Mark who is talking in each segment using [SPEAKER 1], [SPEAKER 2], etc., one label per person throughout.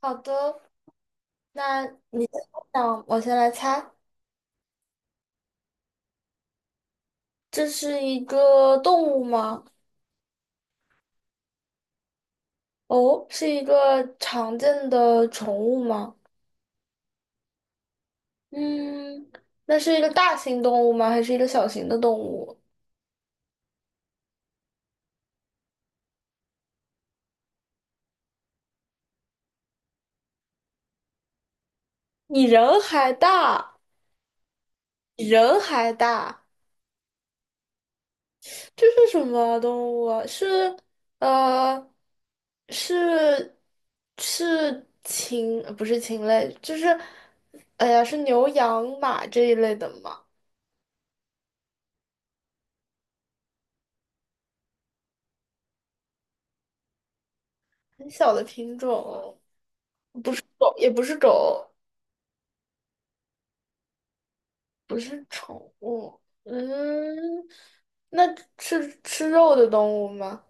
[SPEAKER 1] 好的，那你先想，我先来猜，这是一个动物吗？哦，是一个常见的宠物吗？嗯，那是一个大型动物吗？还是一个小型的动物？你人还大，比人还大，这是什么动物啊？是呃，是是禽，不是禽类，就是，哎呀，是牛、羊、马这一类的吗？很小的品种，狗也不是狗，不是宠物。嗯，那是吃肉的动物吗？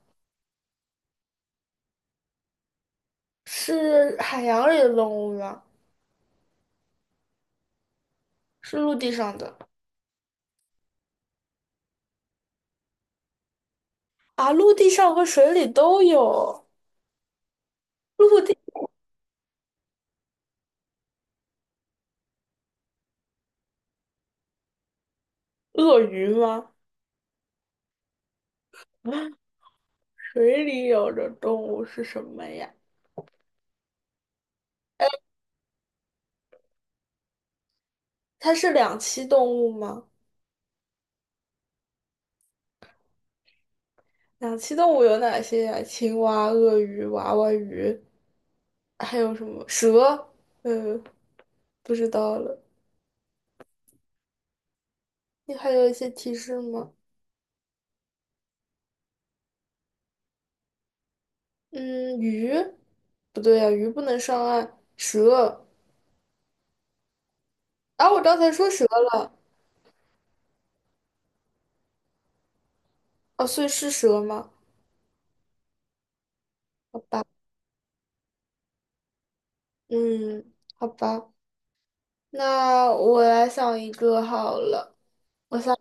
[SPEAKER 1] 是海洋里的动物吗？是陆地上的？啊，陆地上和水里都有鳄鱼吗？啊，水里有的动物是什么呀？它是两栖动物吗？两栖动物有哪些呀？青蛙、鳄鱼、娃娃鱼，还有什么蛇？嗯，不知道了。你还有一些提示吗？嗯，鱼，不对呀、鱼不能上岸。蛇啊，我刚才说蛇了，哦，所以是蛇吗？好吧，嗯，好吧，那我来想一个好了。我想，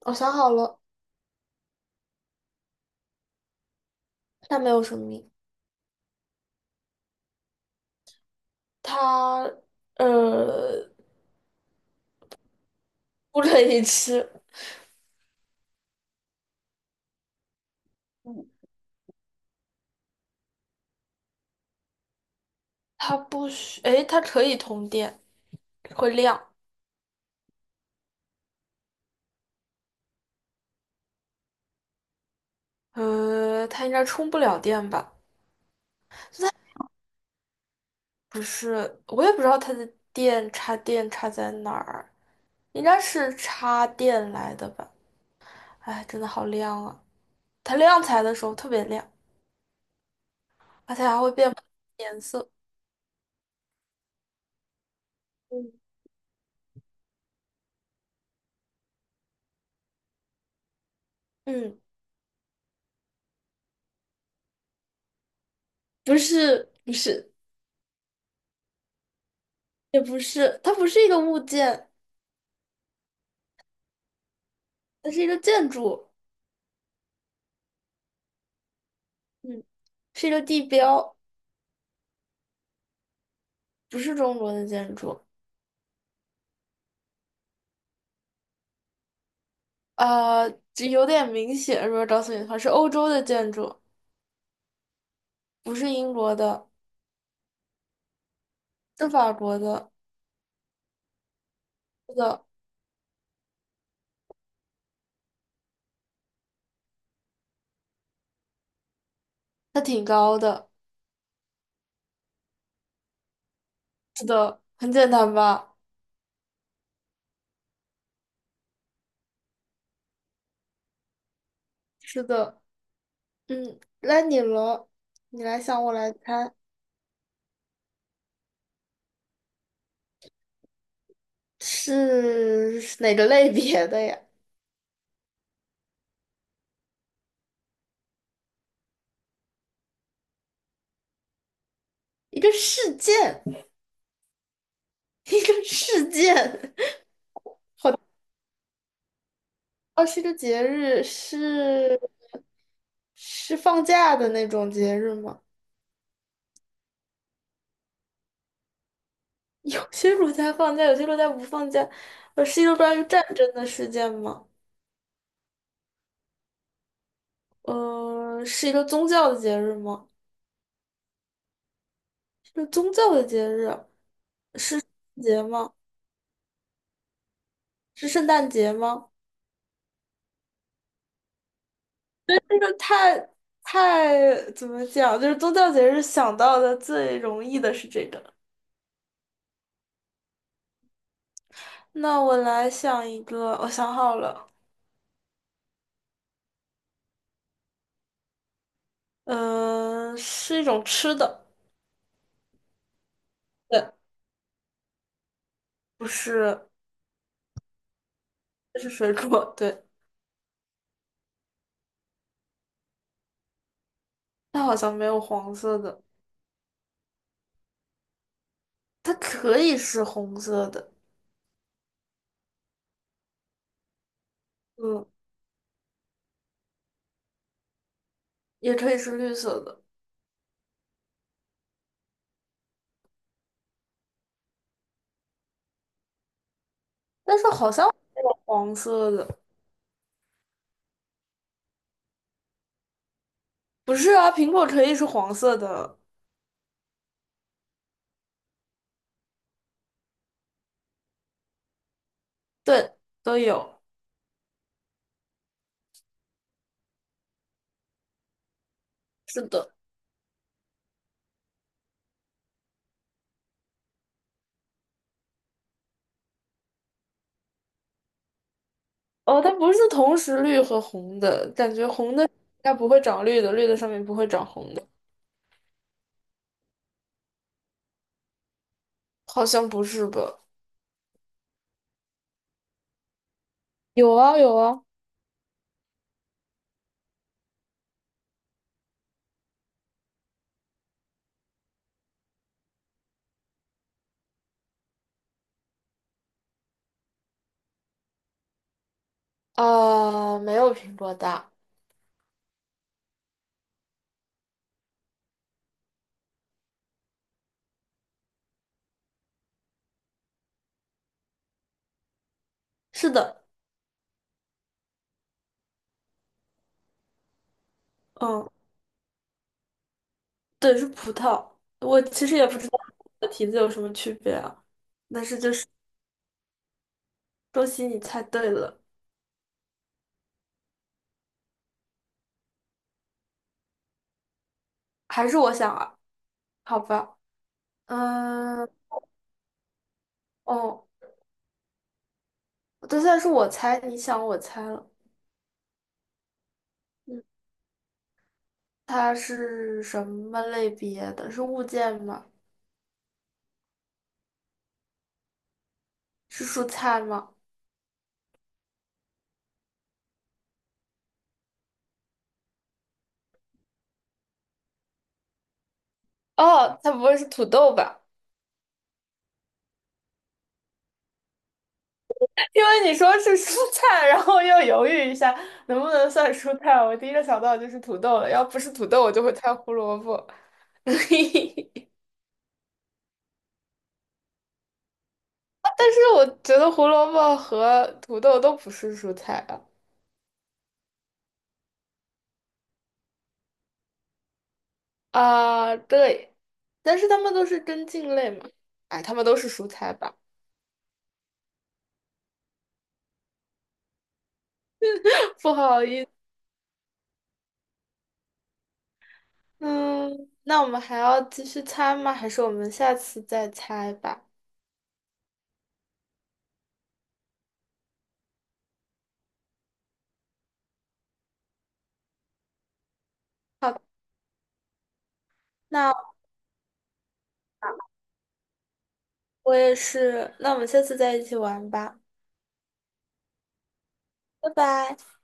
[SPEAKER 1] 我想好了，它没有生命，它呃不可以吃，它不需，诶，它可以通电，会亮。呃，它应该充不了电吧？不是，我也不知道它的电插在哪儿。应该是插电来的吧？哎，真的好亮啊！它亮起来的时候特别亮，而且还会变不同的颜色。嗯，嗯，不是，不是，也不是，它不是一个物件，它是一个建筑，嗯，是一个地标，不是中国的建筑，呃，这有点明显，如果告诉你的话，是欧洲的建筑，不是英国的，是法国的，是的，它挺高的，是的，很简单吧？是的。嗯，那你了，你来想，我来猜，是哪个类别的呀？一个事件，一个事件，哦，是个节日，是是放假的那种节日吗？有些国家放假，有些国家不放假。呃，是一个关于战争的事件吗？呃，是一个宗教的节日吗？是宗教的节日，是节吗？是圣诞节吗？这个太太怎么讲？就是宗教节日想到的最容易的是这个。那我来想一个，我想好了，嗯、是一种吃的，对，不是，这是水果，对，它好像没有黄色的，它可以是红色的，嗯，也可以是绿色的，但是好像没有黄色的，不是啊，苹果可以是黄色的，对，都有，是的。哦，它不是同时绿和红的，感觉红的应该不会长绿的，绿的上面不会长红的，好像不是吧？有啊有啊，啊、没有苹果大。是的，嗯，对，是葡萄。我其实也不知道的题字有什么区别啊，但是就是恭喜你猜对了，还是我想啊，好吧，嗯，哦，对，算是我猜，你想我猜了，嗯，它是什么类别的？是物件吗？是蔬菜吗？哦，它不会是土豆吧？因为你说是蔬菜，然后又犹豫一下能不能算蔬菜，我第一个想到就是土豆了。要不是土豆，我就会猜胡萝卜。但是我觉得胡萝卜和土豆都不是蔬菜啊。啊，对，但是它们都是根茎类嘛。哎，它们都是蔬菜吧？不好意思，嗯，那我们还要继续猜吗？还是我们下次再猜吧？那我也是，那我们下次再一起玩吧。拜拜。